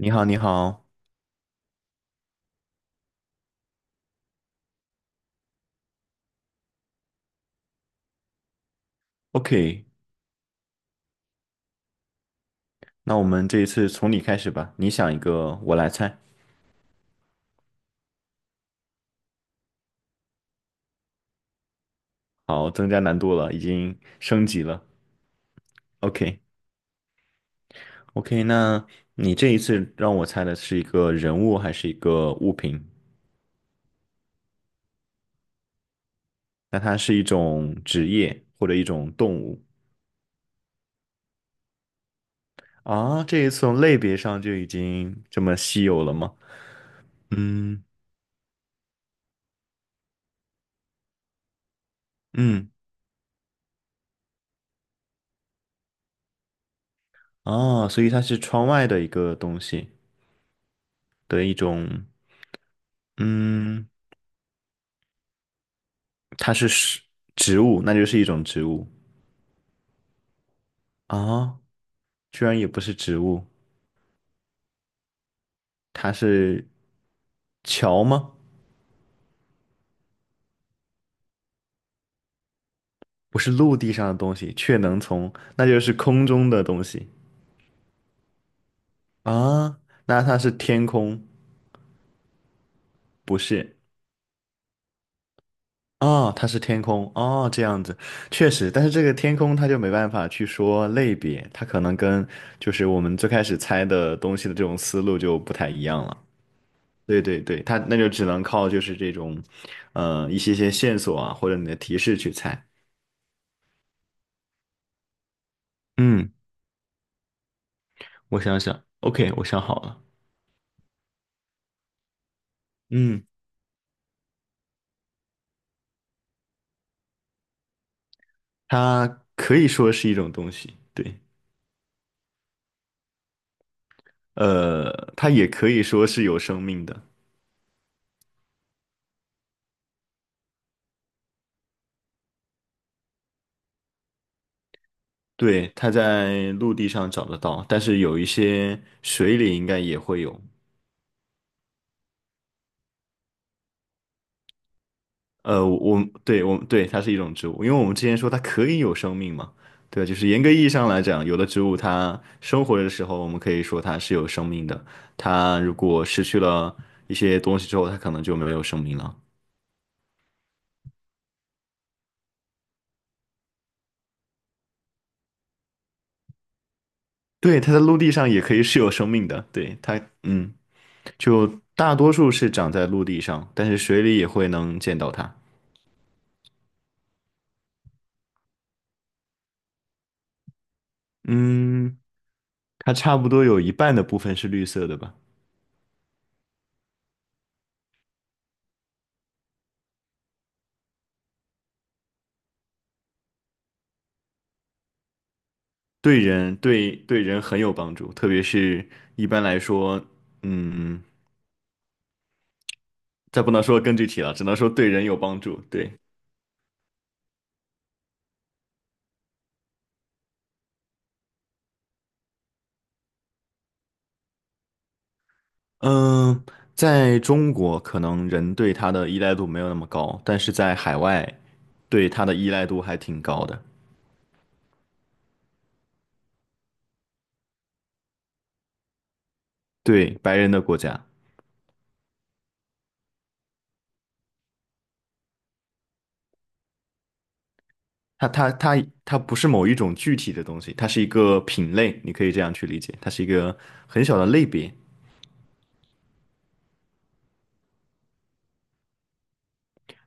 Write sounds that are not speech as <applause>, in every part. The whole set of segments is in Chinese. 你好，你好。OK，那我们这一次从你开始吧，你想一个，我来猜。好，增加难度了，已经升级了。OK，OK，那你这一次让我猜的是一个人物还是一个物品？那它是一种职业或者一种动物啊？这一次从类别上就已经这么稀有了吗？嗯嗯，啊，所以它是窗外的一个东西的一种。嗯，它是植物，那就是一种植物。啊，居然也不是植物，它是桥吗？不是陆地上的东西，却能从，那就是空中的东西啊。那它是天空，不是啊，它是天空哦，这样子确实，但是这个天空它就没办法去说类别，它可能跟就是我们最开始猜的东西的这种思路就不太一样了。对对对，它那就只能靠就是这种，一些些线索啊，或者你的提示去猜。嗯。我想想，OK，我想好了。嗯，它可以说是一种东西，对。它也可以说是有生命的。对，它在陆地上找得到，但是有一些水里应该也会有。我，对，我，对，它是一种植物，因为我们之前说它可以有生命嘛。对，就是严格意义上来讲，有的植物它生活的时候，我们可以说它是有生命的，它如果失去了一些东西之后，它可能就没有生命了。对，它在陆地上也可以是有生命的，对，它，嗯，就大多数是长在陆地上，但是水里也会能见到它。嗯，它差不多有一半的部分是绿色的吧？对人，对人很有帮助，特别是一般来说，嗯，再不能说更具体了，只能说对人有帮助。对。嗯，在中国可能人对它的依赖度没有那么高，但是在海外对它的依赖度还挺高的。对，白人的国家。它它不是某一种具体的东西，它是一个品类，你可以这样去理解，它是一个很小的类别。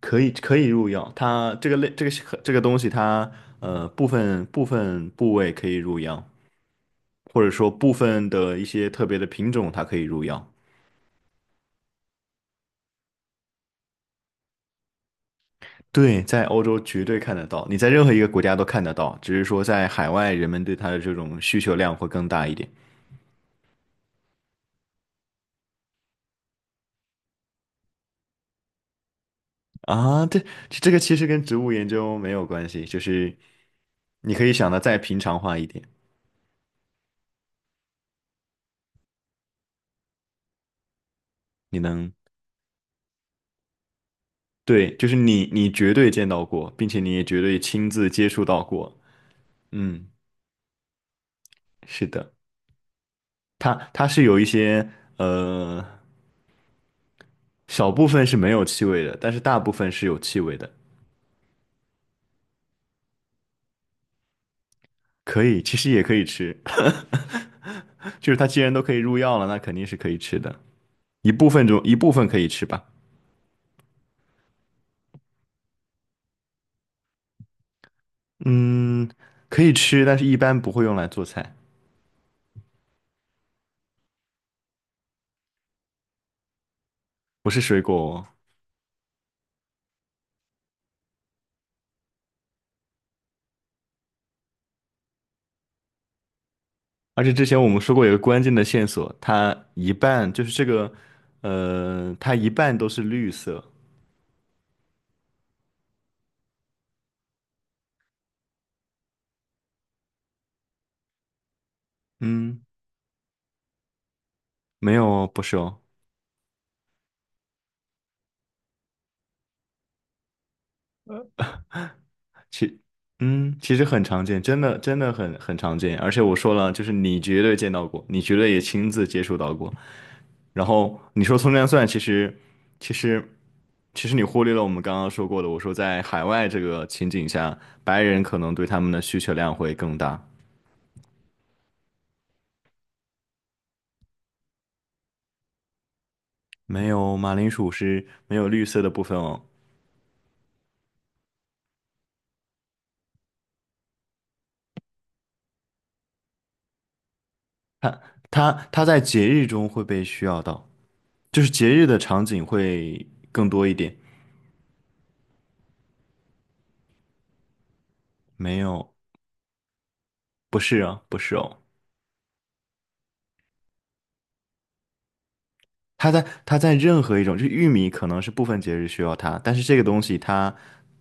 可以，可以入药。它这个类，这个东西它，部分部位可以入药，或者说部分的一些特别的品种它可以入药。对，在欧洲绝对看得到，你在任何一个国家都看得到，只是说在海外人们对它的这种需求量会更大一点。啊，对，这个其实跟植物研究没有关系，就是你可以想的再平常化一点，你能，对，就是你绝对见到过，并且你也绝对亲自接触到过。嗯，是的，它是有一些呃小部分是没有气味的，但是大部分是有气味的。可以，其实也可以吃。<laughs> 就是它既然都可以入药了，那肯定是可以吃的。一部分中一部分可以吃吧。嗯，可以吃，但是一般不会用来做菜。不是水果哦。而且之前我们说过有个关键的线索，它一半就是这个。它一半都是绿色。嗯，没有哦，不是哦。其，嗯，其实很常见，真的真的很很常见。而且我说了，就是你绝对见到过，你绝对也亲自接触到过。然后你说葱姜蒜，其实其实你忽略了我们刚刚说过的，我说在海外这个情景下，白人可能对他们的需求量会更大。没有，马铃薯是没有绿色的部分哦。它它在节日中会被需要到，就是节日的场景会更多一点。没有，不是啊，不是哦。它在任何一种，就玉米可能是部分节日需要它，但是这个东西它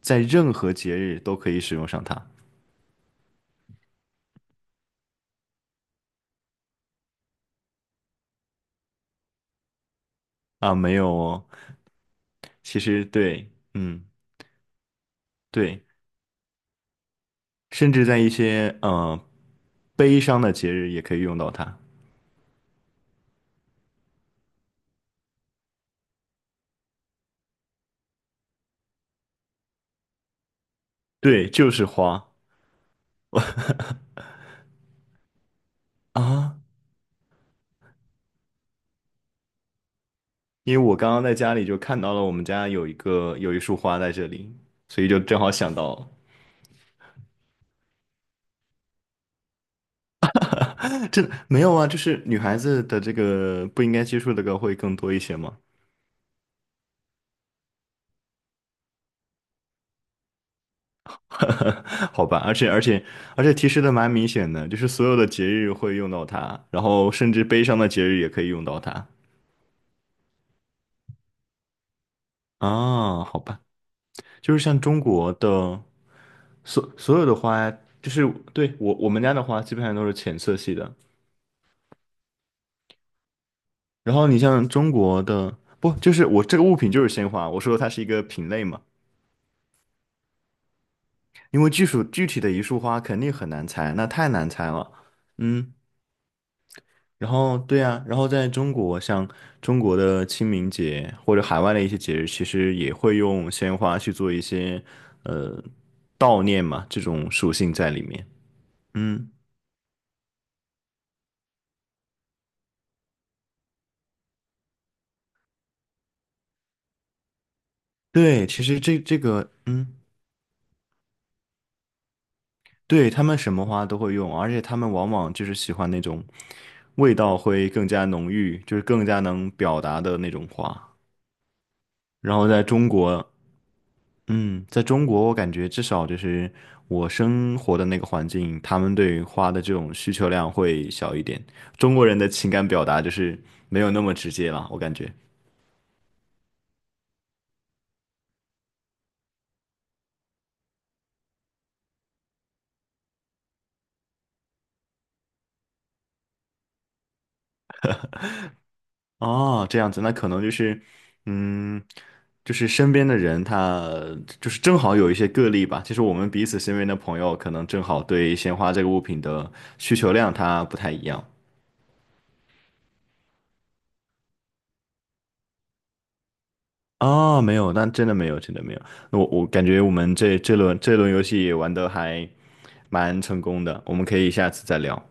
在任何节日都可以使用上它。啊，没有哦。其实对，嗯，对，甚至在一些悲伤的节日也可以用到它。对，就是花。 <laughs> 啊。因为我刚刚在家里就看到了我们家有一个有一束花在这里，所以就正好想到。啊这没有啊，就是女孩子的这个不应该接触的歌会更多一些吗？<laughs> 好吧，而且提示的蛮明显的，就是所有的节日会用到它，然后甚至悲伤的节日也可以用到它。啊，好吧，就是像中国的所所有的花，就是对我我们家的花基本上都是浅色系的，然后你像中国的，不，就是我这个物品就是鲜花，我说它是一个品类嘛，因为具属具体的一束花肯定很难猜，那太难猜了。嗯，然后对呀，然后在中国，像中国的清明节或者海外的一些节日，其实也会用鲜花去做一些呃悼念嘛，这种属性在里面。嗯，对，其实这个，嗯。对，他们什么花都会用，而且他们往往就是喜欢那种味道会更加浓郁，就是更加能表达的那种花。然后在中国，嗯，在中国，我感觉至少就是我生活的那个环境，他们对花的这种需求量会小一点。中国人的情感表达就是没有那么直接了，我感觉。哦，这样子，那可能就是，嗯，就是身边的人他，就是正好有一些个例吧。就是我们彼此身边的朋友，可能正好对鲜花这个物品的需求量它不太一样。哦，没有，那真的没有，真的没有。那我感觉我们这轮游戏玩的还蛮成功的，我们可以下次再聊。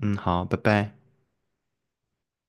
嗯，好，拜拜。